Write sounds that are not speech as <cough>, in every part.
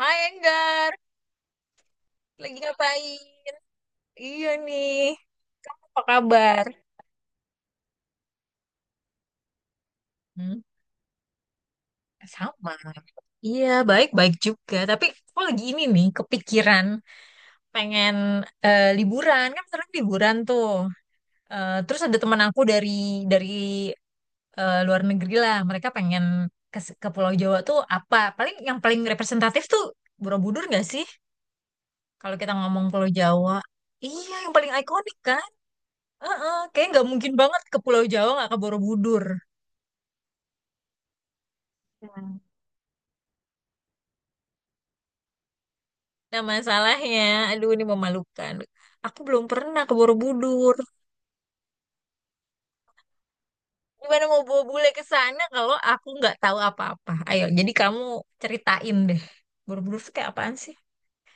Hai Enggar, lagi ngapain? Iya nih, apa kabar? Hmm, sama. Iya, baik-baik juga. Tapi aku lagi ini nih, kepikiran pengen liburan. Kan sekarang liburan tuh. Eh, terus ada teman aku dari dari luar negeri lah. Mereka pengen ke Pulau Jawa tuh apa? Paling yang paling representatif tuh Borobudur nggak sih? Kalau kita ngomong Pulau Jawa. Iya, yang paling ikonik kan? Kayaknya nggak mungkin banget ke Pulau Jawa nggak ke Borobudur. Hmm. Nah masalahnya, aduh ini memalukan. Aku belum pernah ke Borobudur. Gimana mau bawa bule ke sana kalau aku nggak tahu apa-apa? Ayo, jadi kamu ceritain deh. Borobudur tuh kayak apaan sih?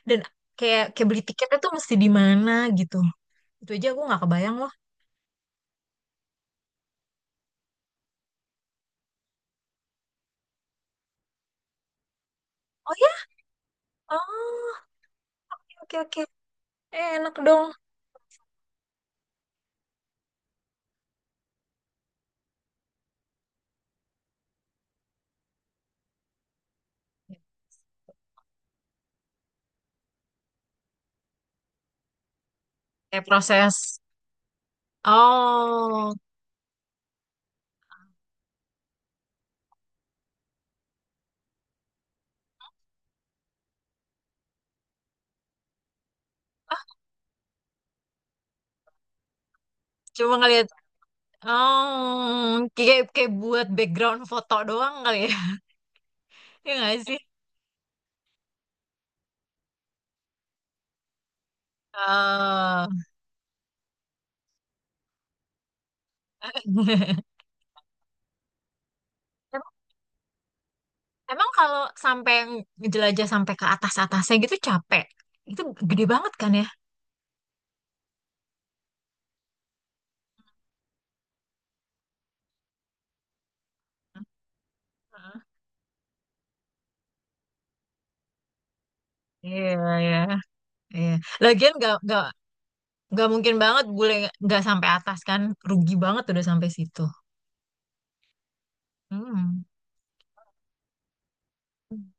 Dan kayak kayak beli tiketnya tuh mesti di mana gitu. Itu aja aku nggak kebayang loh. Oh ya? Oh, oke oke. Eh, enak dong. Kayak proses. Oh, cuma ngeliat. Oh, kayak kayak buat background foto doang kali ya, <laughs> ya nggak sih? Oh. <laughs> Em- Emang kalau sampai jelajah sampai ke atas-atasnya gitu capek, itu gede banget kan ya? Heeh. Iya, iya, iya. Lagian nggak nggak mungkin banget bule nggak sampai atas kan, rugi banget udah sampai situ. Hmm.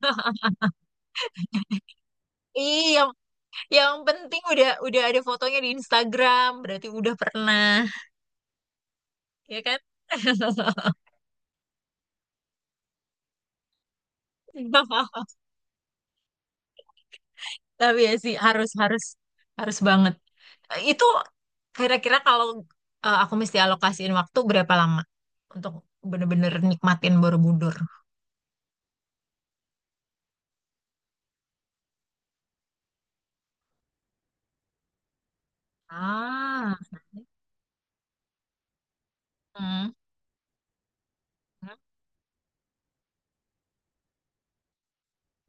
<laughs> Iya, yang, yang penting udah ada fotonya di Instagram, berarti udah pernah, ya kan? <laughs> Tapi ya sih harus harus harus banget. Eh, itu kira-kira kalau aku mesti alokasiin waktu berapa lama untuk bener-bener nikmatin Borobudur? Ah, hmm.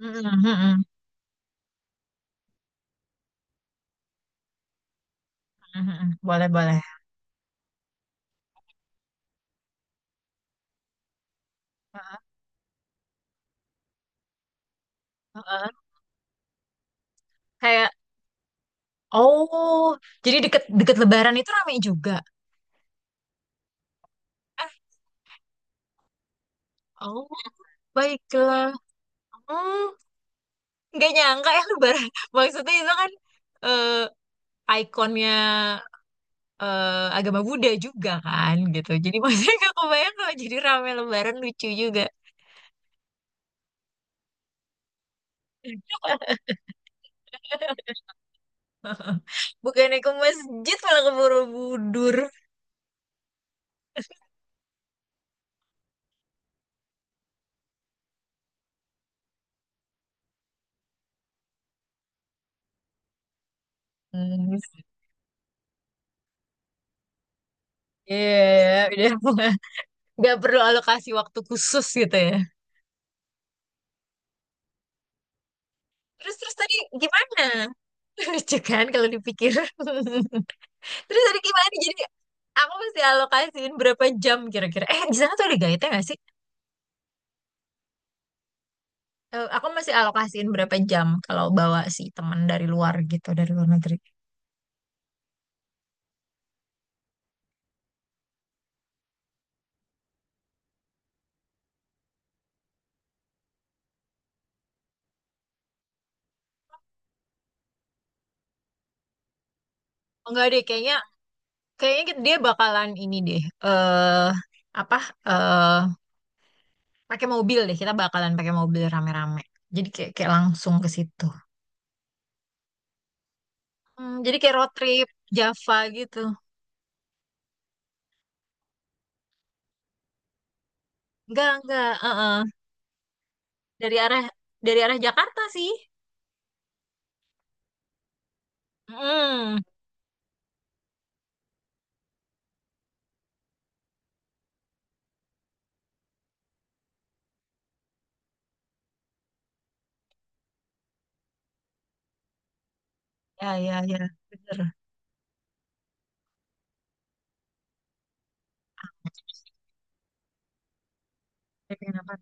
Hmm, hmm, hmm, hmm, hmm. Boleh boleh. Heeh, heeh. Kayak oh jadi deket-deket Lebaran itu ramai juga. Eh, oh baiklah. Hmm, nggak nyangka ya Lebaran. <laughs> Maksudnya itu kan ikonnya agama Buddha juga kan gitu. Jadi <laughs> maksudnya gak kebayang kalau jadi rame lebaran lucu juga. <laughs> Bukannya ke masjid malah ke Borobudur. Hmm, iya, udah <laughs> nggak perlu alokasi waktu khusus gitu ya. Terus terus tadi gimana? <laughs> Lucu kan kalau dipikir. <laughs> Terus tadi gimana? Jadi aku mesti alokasiin berapa jam kira-kira? Eh di sana tuh ada guide nggak sih? Eh, aku masih alokasiin berapa jam kalau bawa si teman dari luar gitu dari luar negeri. Oh, enggak deh, kayaknya kayaknya kita- dia bakalan ini deh. Eh apa? Eh Pakai mobil deh. Kita bakalan pakai mobil rame-rame. Jadi kayak kayak langsung ke situ. Hmm, jadi kayak road trip Java gitu. Enggak, enggak. Eh. Dari arah dari arah Jakarta sih. Hmm. Ya, ya, ya. Bener. Kayak penginapan.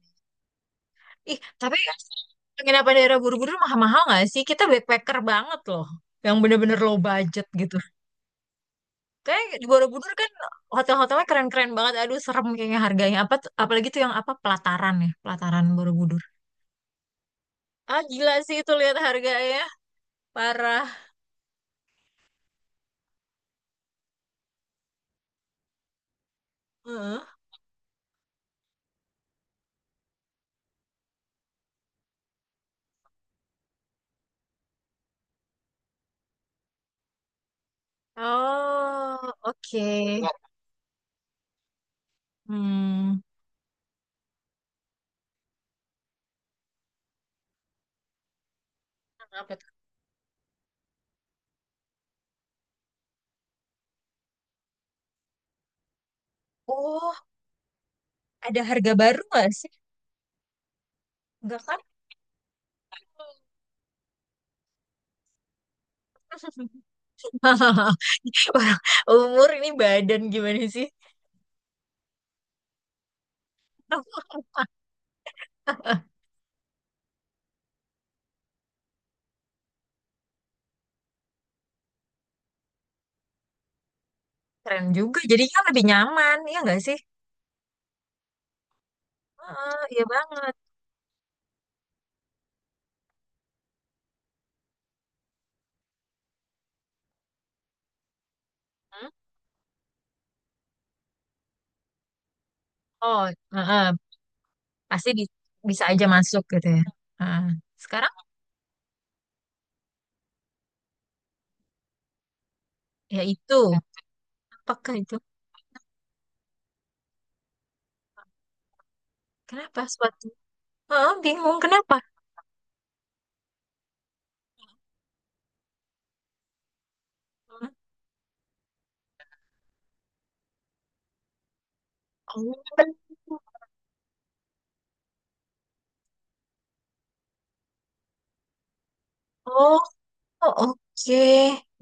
Ih, tapi penginapan daerah buru-buru mahal-mahal nggak sih? Kita backpacker banget loh. Yang bener-bener low budget gitu. Kayak di Borobudur kan hotel-hotelnya keren-keren banget. Aduh, serem kayaknya harganya. Apa tuh- apalagi tuh yang apa pelataran ya, pelataran Borobudur. Ah, gila sih itu lihat harganya. Parah. Heeh. Oh, oke. Hmm. Apa tuh? Oh, ada harga baru gak sih? Enggak kan? <laughs> Orang umur ini badan gimana sih? <laughs> Keren juga. Jadi kan lebih nyaman, ya nggak sih? Heeh, iya banget. Hmm? Oh, heeh. Pasti di- bisa aja masuk gitu ya. Ah, sekarang ya itu, apakah itu? Kenapa suatu? Ah, bingung kenapa? Oh, oh, oke.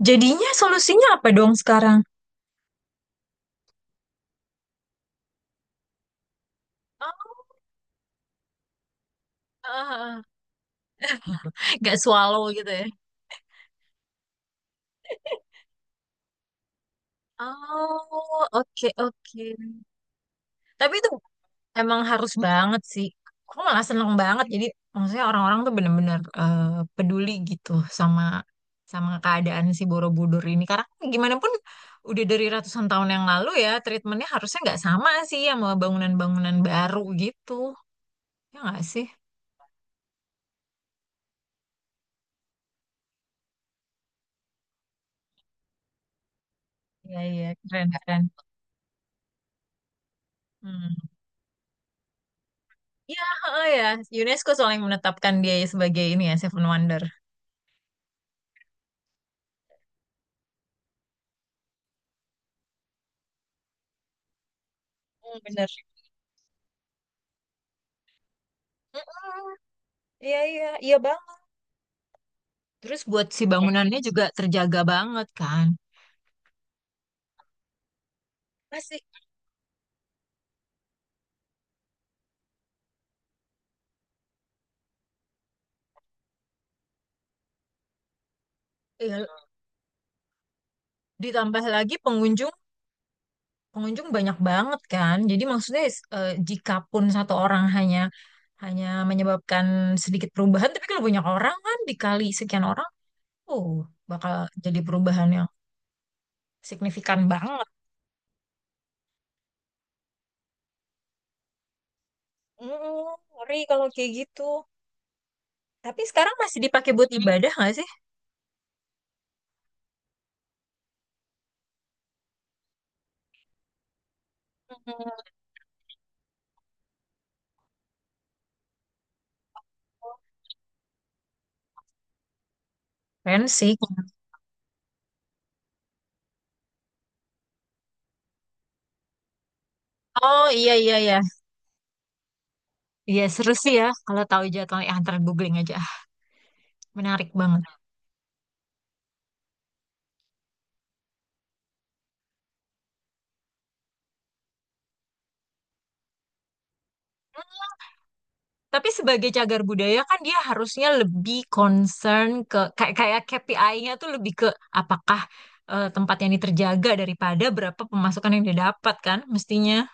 Jadinya solusinya apa dong sekarang? Oh, ah, ah, ah. Nggak swallow gitu ya? Oh, oke oke. Tapi itu emang harus banget sih. Aku malah seneng banget. Jadi maksudnya orang-orang tuh bener-bener peduli gitu sama sama keadaan si Borobudur ini. Karena gimana pun udah dari ratusan tahun yang lalu ya, treatmentnya harusnya nggak sama sih sama bangunan-bangunan baru gitu. Ya nggak sih? Iya, iya, keren, keren. Hmm. Ya, oh ya, UNESCO soalnya yang menetapkan dia sebagai ini ya, Seven Wonder. Hmm, bener. Mm-mm. Iya, iya, iya banget. Terus buat si bangunannya juga terjaga banget kan. Masih ya, ditambah lagi pengunjung pengunjung banyak banget kan. Jadi maksudnya jika pun satu orang hanya hanya menyebabkan sedikit perubahan, tapi kalau banyak orang kan dikali sekian orang, oh bakal jadi perubahan yang signifikan banget. Mm, ngeri kalau kayak gitu. Tapi sekarang masih dipakai buat ibadah nggak sih? Keren sih. Oh iya iya iya. Iya seru sih ya kalau tahu jadwalnya. Ah, ntar googling aja. Menarik banget. Tapi sebagai cagar budaya kan dia harusnya lebih concern ke kayak kayak KPI-nya tuh lebih ke apakah tempat yang ini terjaga daripada berapa pemasukan yang dia dapat kan mestinya.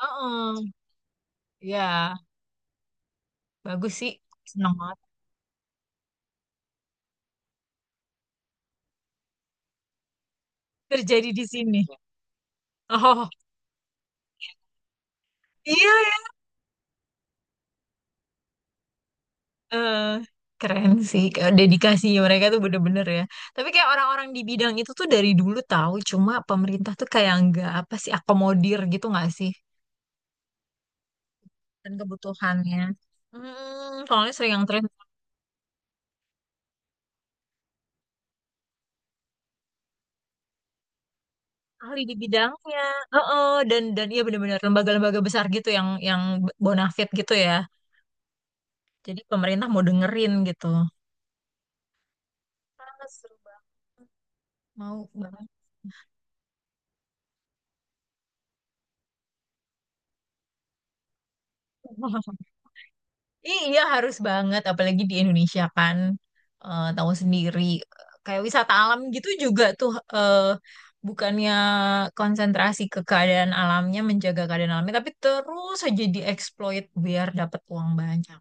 Heeh. Ya, bagus sih. Senang banget terjadi di sini. Oh, iya ya. Eh, Keren sih. Kayak dedikasi mereka tuh bener-bener ya. Tapi kayak orang-orang di bidang itu tuh dari dulu tahu cuma pemerintah tuh kayak nggak apa sih akomodir gitu nggak sih? Dan kebutuhannya. Hmm, kalau ini sering yang terlihat ahli di bidangnya. Heeh, dan iya benar-benar lembaga-lembaga besar gitu yang bonafit gitu ya. Jadi pemerintah mau dengerin gitu. Ah, seru banget. Mau banget. <laughs> Iya harus banget, apalagi di Indonesia kan tahu sendiri kayak wisata alam gitu juga tuh bukannya konsentrasi ke keadaan alamnya, menjaga keadaan alamnya, tapi terus aja dieksploit biar dapat uang banyak.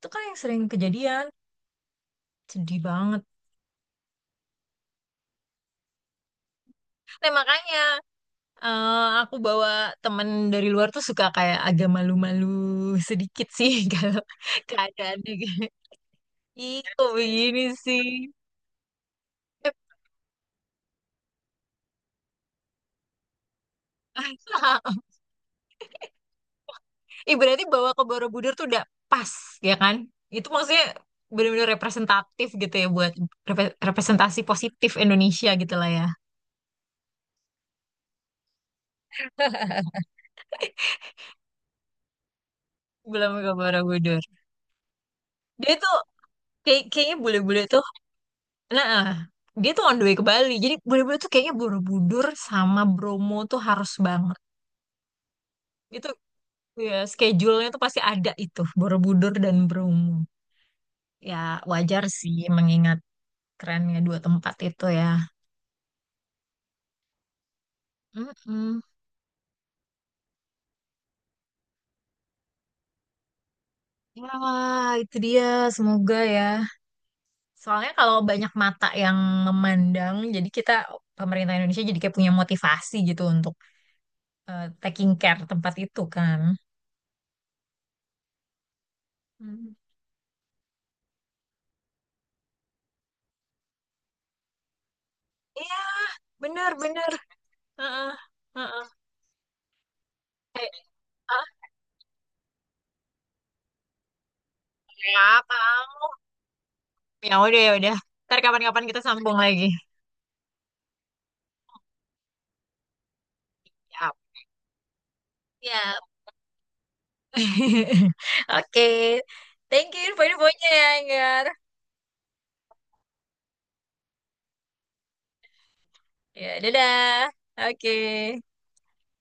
Itu kan yang sering kejadian sedih banget. Nah makanya eh, aku bawa temen dari luar tuh suka kayak agak malu-malu sedikit sih <laughs> kalau keadaannya gitu. Ih, kok begini sih. <laughs> Ih, berarti bawa ke Borobudur tuh udah pas ya kan, itu maksudnya benar-benar representatif gitu ya buat repre- representasi positif Indonesia gitu lah ya. Belum ke Borobudur dia tuh kayak kayaknya bule-bule tuh nah, dia tuh on the way ke Bali. Jadi bener-bener tuh kayaknya Borobudur sama Bromo tuh harus banget. Itu ya schedule-nya tuh pasti ada itu, Borobudur dan Bromo. Ya wajar sih mengingat trennya dua tempat itu ya. Mm. Wah, itu dia. Semoga ya. Soalnya kalau banyak mata yang memandang, jadi kita pemerintah Indonesia jadi kayak punya motivasi gitu untuk taking care tempat itu kan. Hmm. Iya, bener-bener. Heeh. Heeh. Eh, ah, Ya kamu. Ya udah ya udah. Ntar kapan-kapan kita sambung lagi. Yap. Ya. <laughs> Oke. Thank you info-infonya ya, Anggar. Ya, dadah. Oke.